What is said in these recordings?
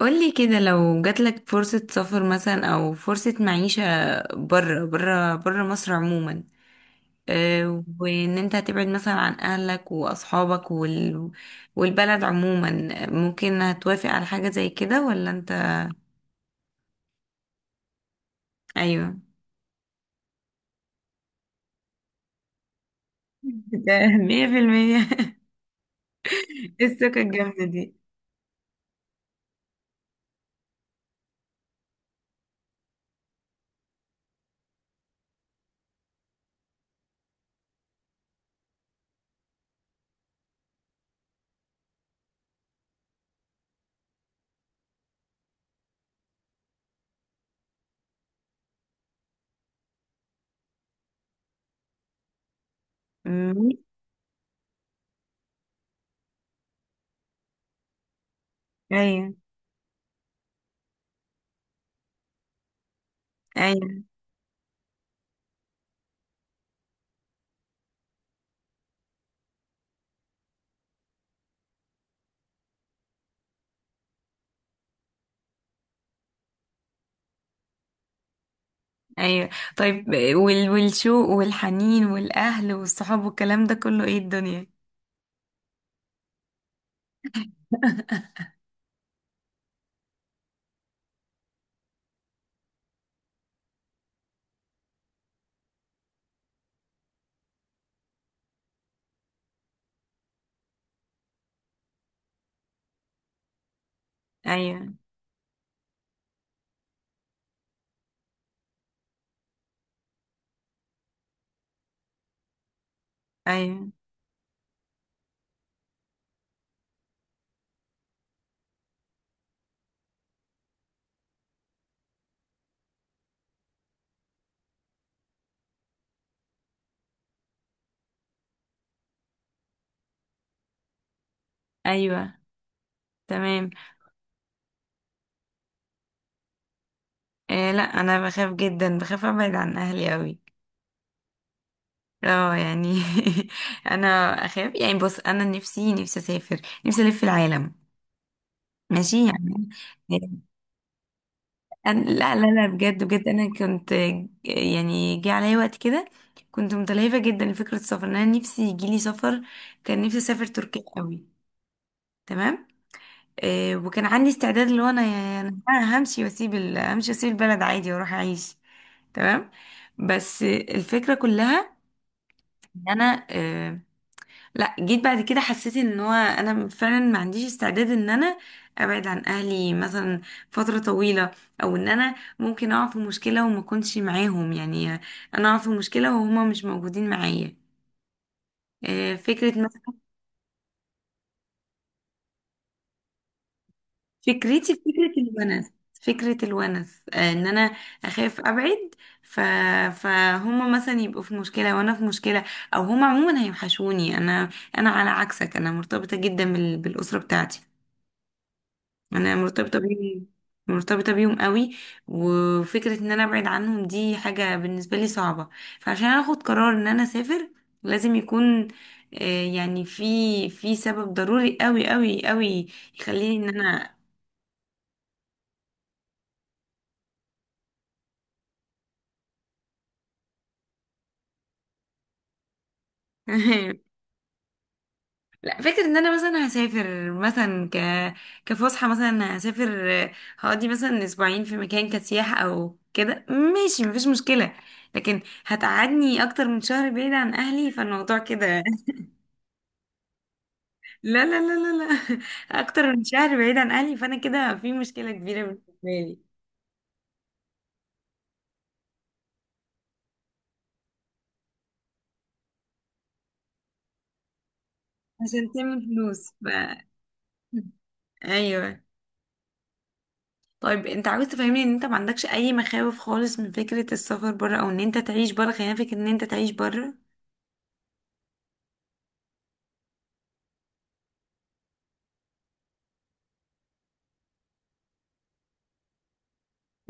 قولي كده لو جاتلك فرصة سفر مثلا أو فرصة معيشة برا برا برا مصر عموما. وإن أنت هتبعد مثلا عن أهلك وأصحابك والبلد عموما، ممكن هتوافق على حاجة زي كده ولا أنت؟ أيوه. ده مية في المية. السكة الجامدة دي. مم. أيوه أيوه أيوه. طيب، والشوق والحنين والأهل والصحاب والكلام ده كله إيه الدنيا؟ أيوه أيوه ايوه تمام. لا انا بخاف جدا، بخاف ابعد عن اهلي قوي. اه يعني انا اخاف يعني. بص انا نفسي اسافر، نفسي الف العالم، ماشي يعني. أنا لا لا لا، بجد بجد انا كنت، يعني جه عليا وقت كده كنت متلهفه جدا لفكره السفر، ان انا نفسي يجيلي سفر. كان نفسي اسافر تركيا قوي. تمام. وكان عندي استعداد، اللي هو انا يعني همشي واسيب البلد عادي واروح اعيش. تمام. بس الفكرة كلها ان انا، لا جيت بعد كده حسيت ان هو انا فعلا ما عنديش استعداد ان انا ابعد عن اهلي مثلا فترة طويلة، او ان انا ممكن اقع في مشكلة وما اكونش معاهم يعني. انا اقع في مشكلة وهما مش موجودين معايا. فكرة مثلا. فكرتي في فكرة الونس. فكرة الونس، ان انا اخاف ابعد. ف... فهم مثلا يبقوا في مشكلة وانا في مشكلة، او هم عموما هيوحشوني. انا على عكسك، انا مرتبطة جدا بالاسرة بتاعتي. انا مرتبطة بيهم، مرتبطة بيهم قوي. وفكرة ان انا ابعد عنهم دي حاجة بالنسبة لي صعبة. فعشان اخد قرار ان انا اسافر، لازم يكون، يعني في سبب ضروري قوي قوي قوي يخليني ان انا لا، فكرة ان انا مثلا هسافر مثلا، كفسحة مثلا هسافر، هقضي مثلا اسبوعين في مكان كسياحة او كده ماشي، مفيش مشكلة. لكن هتقعدني اكتر من شهر بعيد عن اهلي، فالموضوع كده لا لا لا لا لا. اكتر من شهر بعيد عن اهلي فانا كده في مشكلة كبيرة بالنسبة لي. عشان تعمل فلوس ف ايوه. طيب انت عاوز تفهمني ان انت ما عندكش اي مخاوف خالص من فكرة السفر بره، او ان انت تعيش بره، خلينا فكرة ان انت تعيش بره.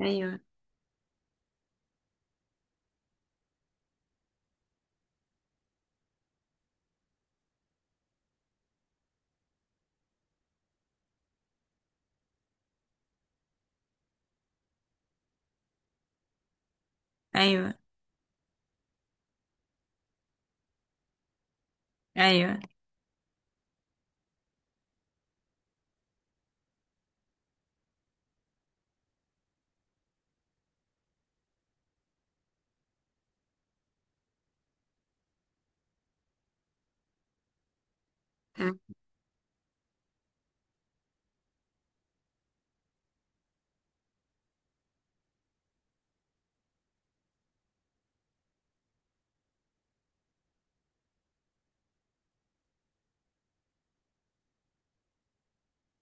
ايوه ايوه ايوه. مم.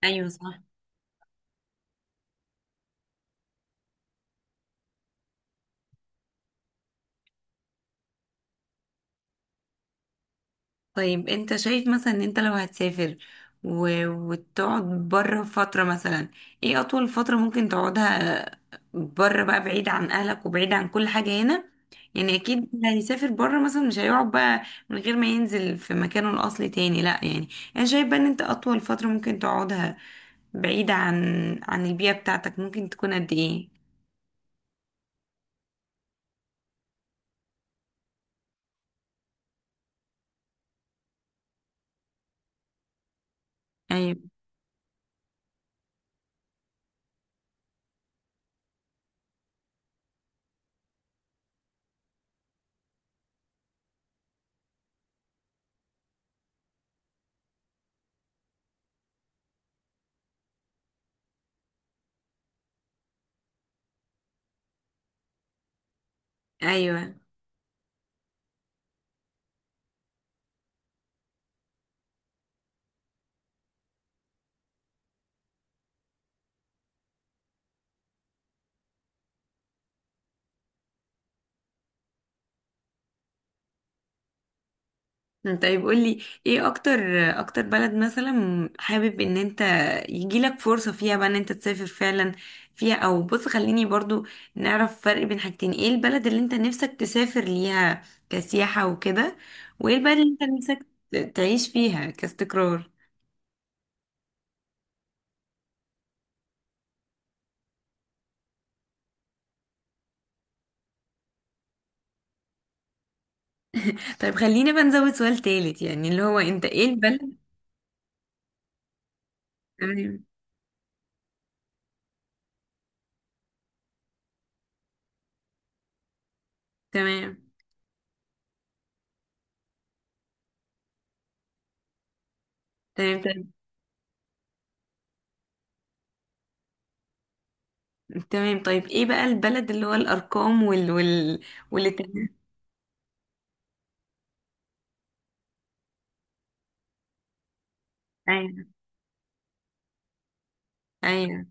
ايوه صح. طيب انت شايف مثلا ان انت لو هتسافر وتقعد بره فترة مثلا، ايه اطول فترة ممكن تقعدها بره بقى بعيد عن اهلك وبعيد عن كل حاجة هنا؟ يعني اكيد اللي هيسافر بره مثلا مش هيقعد بقى من غير ما ينزل في مكانه الاصلي تاني، لا يعني. انا شايف بقى ان انت اطول فترة ممكن تقعدها بعيدة عن البيئة بتاعتك ممكن تكون قد ايه؟ ايوه ايوه. طيب قولي، ايه اكتر بلد مثلا حابب ان انت يجيلك فرصة فيها بقى ان انت تسافر فعلا فيها؟ او بص، خليني برضو نعرف فرق بين حاجتين: ايه البلد اللي انت نفسك تسافر ليها كسياحة وكده، وايه البلد اللي انت نفسك تعيش فيها كاستقرار؟ طيب خلينا بقى نزود سؤال تالت، يعني اللي هو انت ايه البلد؟ تمام تمام. تمام تمام تمام. طيب ايه بقى البلد اللي هو الارقام وال والاتجاه؟ ايوه ايوه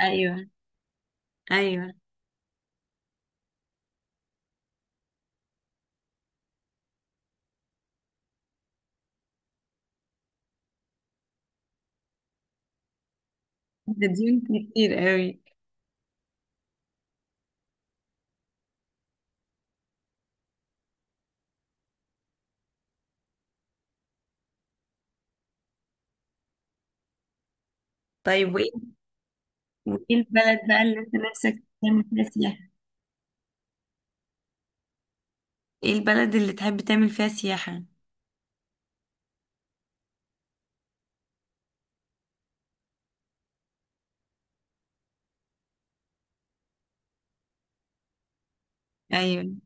ايوه ايوه. قديم. كتير قوي. طيب وايه البلد بقى اللي انت نفسك تعمل فيها سياحة؟ ايه البلد اللي تحب تعمل فيها سياحة؟ ايوه.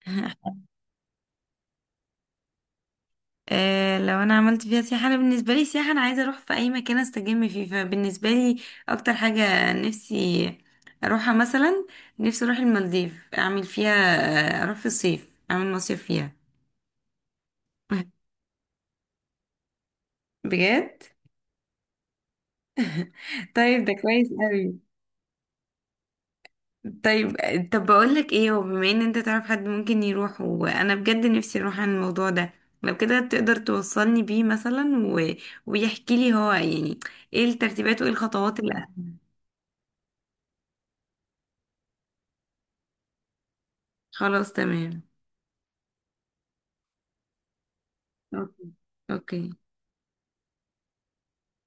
لو انا عملت فيها سياحة، انا بالنسبة لي سياحة انا عايزة اروح في اي مكان استجم فيه، فبالنسبة لي اكتر حاجة نفسي اروحها مثلا، نفسي اروح المالديف اعمل فيها، اروح في الصيف اعمل مصيف فيها. بجد. طيب ده كويس قوي. طيب، طب بقولك ايه، هو بما ان انت تعرف حد ممكن يروح، وانا بجد نفسي اروح، عن الموضوع ده لو كده تقدر توصلني بيه مثلا ويحكي لي هو يعني ايه الترتيبات وايه الخطوات اللي. خلاص تمام. اوكي اوكي.